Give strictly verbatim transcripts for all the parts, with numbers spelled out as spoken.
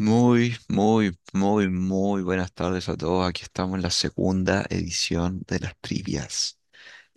Muy, muy, muy, muy buenas tardes a todos. Aquí estamos en la segunda edición de las trivias.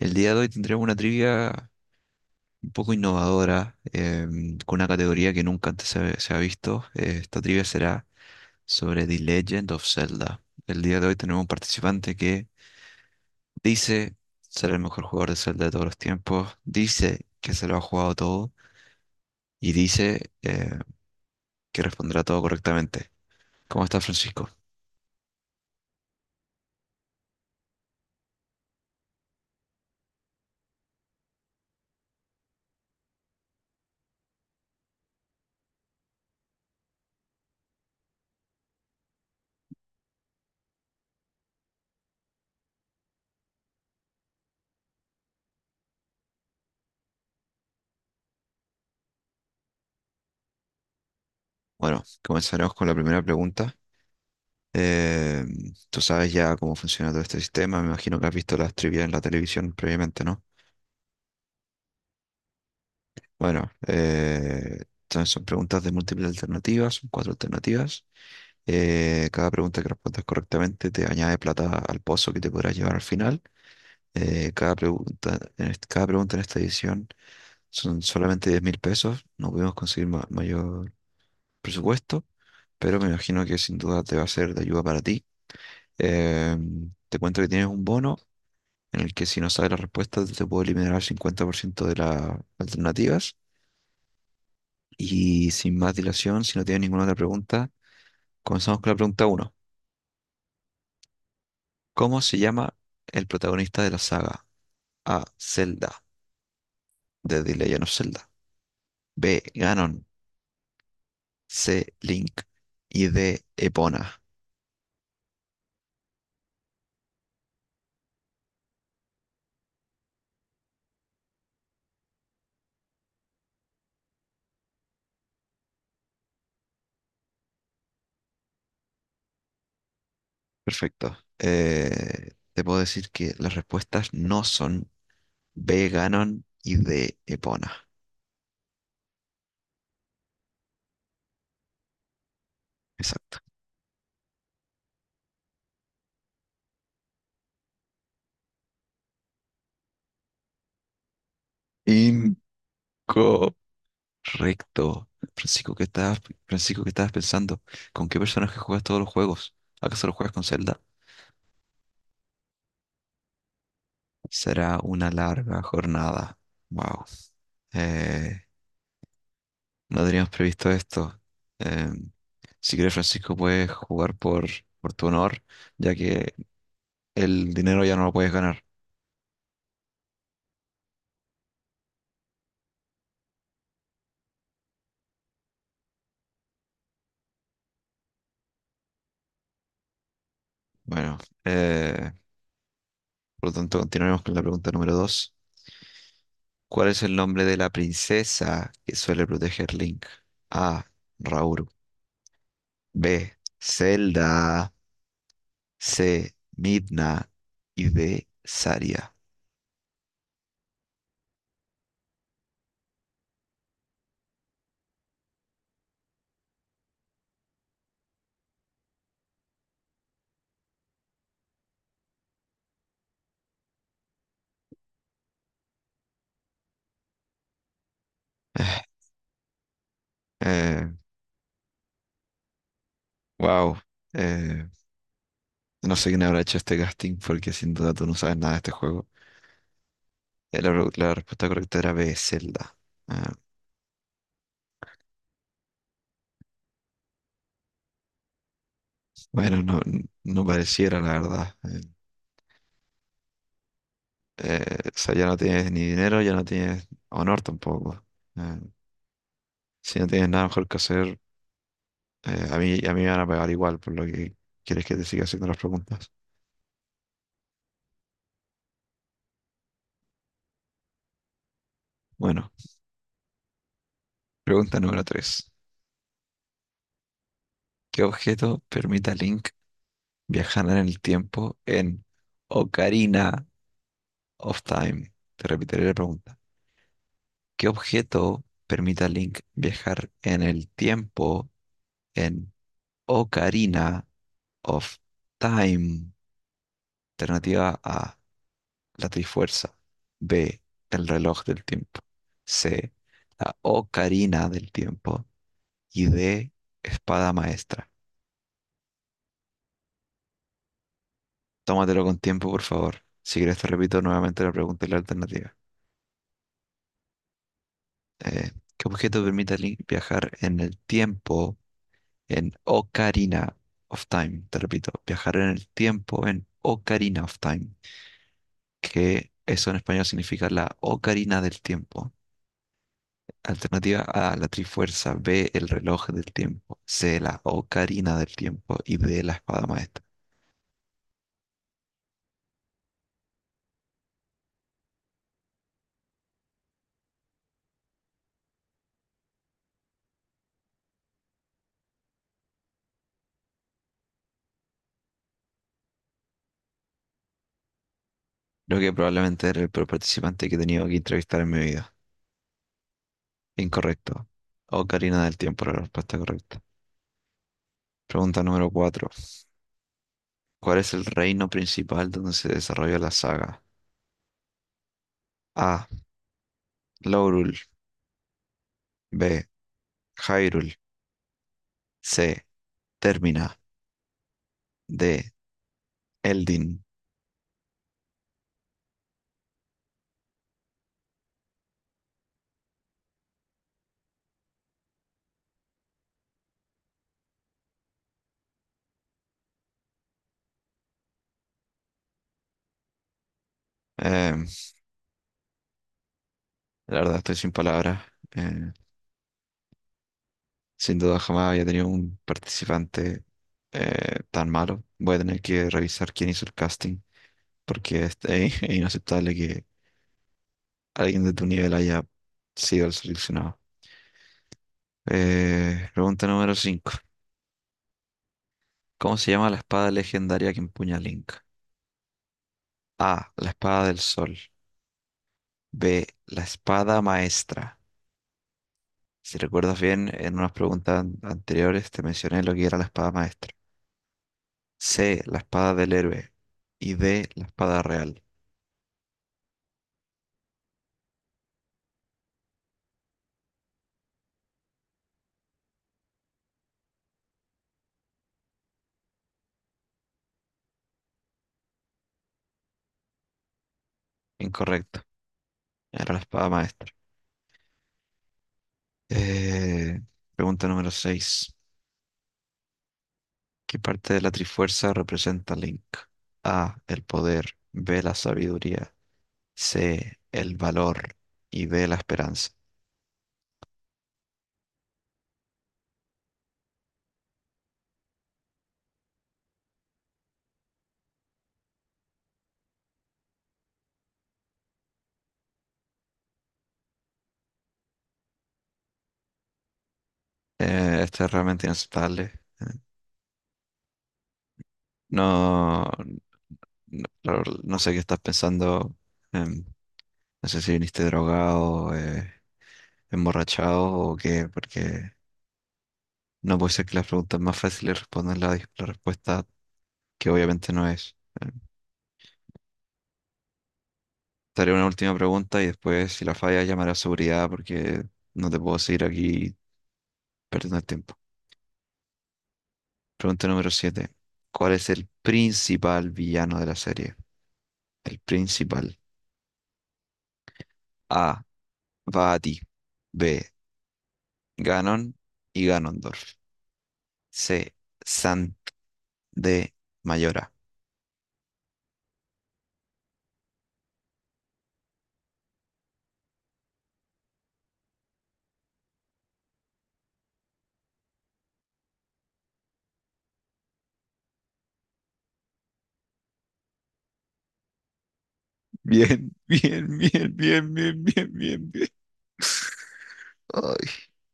El día de hoy tendremos una trivia un poco innovadora, em, con una categoría que nunca antes se, se ha visto. Eh, esta trivia será sobre The Legend of Zelda. El día de hoy tenemos un participante que dice ser el mejor jugador de Zelda de todos los tiempos, dice que se lo ha jugado todo y dice eh, que responderá todo correctamente. ¿Cómo estás, Francisco? Bueno, comenzaremos con la primera pregunta. Eh, tú sabes ya cómo funciona todo este sistema, me imagino que has visto las trivias en la televisión previamente, ¿no? Bueno, eh, entonces son preguntas de múltiples alternativas, son cuatro alternativas. Eh, cada pregunta que respondas correctamente te añade plata al pozo que te podrás llevar al final. Eh, cada pregunta, en est- cada pregunta en esta edición son solamente diez mil pesos. No pudimos conseguir ma- mayor presupuesto, pero me imagino que sin duda te va a ser de ayuda para ti. Eh, te cuento que tienes un bono en el que si no sabes la respuesta te puedo eliminar al cincuenta por ciento de las alternativas. Y sin más dilación, si no tienes ninguna otra pregunta, comenzamos con la pregunta uno. ¿Cómo se llama el protagonista de la saga? A. Zelda, de The Legend of Zelda. B. Ganon. C. Link. Y D. Epona. Perfecto. Eh, te puedo decir que las respuestas no son B. Ganon y D. Epona. Exacto. Incorrecto. Recto. Francisco, ¿qué estabas, Francisco, ¿qué estabas pensando? ¿Con qué personaje juegas todos los juegos? ¿Acaso lo juegas con Zelda? Será una larga jornada. Wow. Eh, no teníamos previsto esto. Em, si quieres, Francisco, puedes jugar por, por tu honor, ya que el dinero ya no lo puedes ganar. Bueno, eh, por lo tanto, continuaremos con la pregunta número dos. ¿Cuál es el nombre de la princesa que suele proteger Link? A. Raúl. B. Zelda. C. Midna. Y D. Saria. Eh, wow. Eh, no sé quién habrá hecho este casting porque sin duda tú no sabes nada de este juego. Eh, La, ro- la respuesta correcta era B. Zelda. Ah, bueno, no, no pareciera, la verdad. Eh, eh, o sea, ya no tienes ni dinero, ya no tienes honor tampoco. Eh, si no tienes nada mejor que hacer, eh, a mí, a mí me van a pagar igual por lo que quieres que te siga haciendo las preguntas. Bueno, pregunta número tres. ¿Qué objeto permite a Link viajar en el tiempo en Ocarina of Time? Te repetiré la pregunta. ¿Qué objeto permite a Link viajar en el tiempo en Ocarina of Time? Alternativa A, la Trifuerza. B, el reloj del tiempo. C, la Ocarina del tiempo. Y D, espada maestra. Tómatelo con tiempo, por favor. Si quieres, te repito nuevamente la pregunta y la alternativa. Eh, ¿qué objeto permite li- viajar en el tiempo en Ocarina of Time? Te repito, viajar en el tiempo en Ocarina of Time, que eso en español significa la Ocarina del Tiempo. Alternativa A, la Trifuerza, B, el reloj del tiempo, C, la Ocarina del Tiempo y D, la espada maestra. Creo que probablemente era el peor participante que he tenido que entrevistar en mi vida. Incorrecto. Ocarina del Tiempo, era la respuesta correcta. Pregunta número cuatro. ¿Cuál es el reino principal donde se desarrolla la saga? A. Laurul. B. Hyrule. C. Termina. D. Eldin. Em, la verdad estoy sin palabras. Eh, sin duda jamás había tenido un participante eh, tan malo. Voy a tener que revisar quién hizo el casting porque es, es inaceptable que alguien de tu nivel haya sido el seleccionado. Eh, pregunta número cinco. ¿Cómo se llama la espada legendaria que empuña Link? A. La espada del sol. B, la espada maestra. Si recuerdas bien, en unas preguntas an- anteriores te mencioné lo que era la espada maestra. C, la espada del héroe. Y D, la espada real. Incorrecto, era la espada maestra. Eh, pregunta número seis. ¿Qué parte de la Trifuerza representa Link? A, el poder. B, la sabiduría. C, el valor. Y D, la esperanza. Eh, este es realmente inaceptable. No, no, la no sé qué estás pensando. em, no sé si viniste drogado, eh, emborrachado o qué, porque no puede ser que las preguntas más fáciles respondan la, dis- la respuesta que obviamente no es. Em, te haré una última pregunta y después, si la falla, llamaré a seguridad porque no te puedo seguir aquí perdiendo el tiempo. Pregunta número siete. ¿Cuál es el principal villano de la serie? El principal. A. va a ti. B. Ganon y Ganondorf. C. Sant. D. Mayora. Bien, bien, bien, bien, bien, bien, bien, bien. Ay,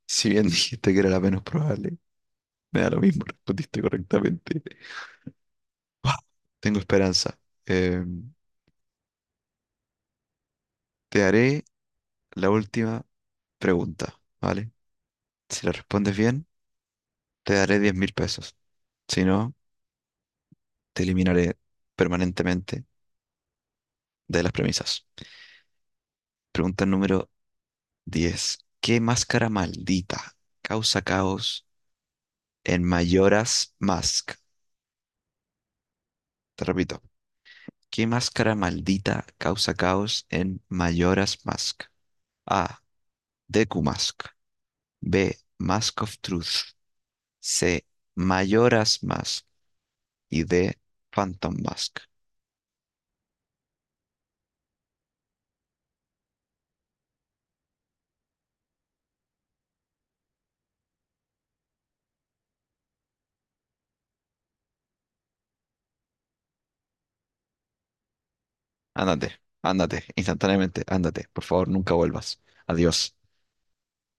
si bien dijiste que era la menos probable, me da lo mismo, respondiste correctamente. Ah, tengo esperanza. Eh, te haré la última pregunta, ¿vale? Si la respondes bien, te daré diez mil pesos. Si no, te eliminaré permanentemente de las premisas. Pregunta número diez. ¿Qué máscara maldita causa caos en Mayoras Mask? Te repito. ¿Qué máscara maldita causa caos en Mayoras Mask? A. Deku Mask. B. Mask of Truth. C. Mayoras Mask. Y D. Phantom Mask. Ándate, ándate, instantáneamente, ándate. Por favor, nunca vuelvas. Adiós.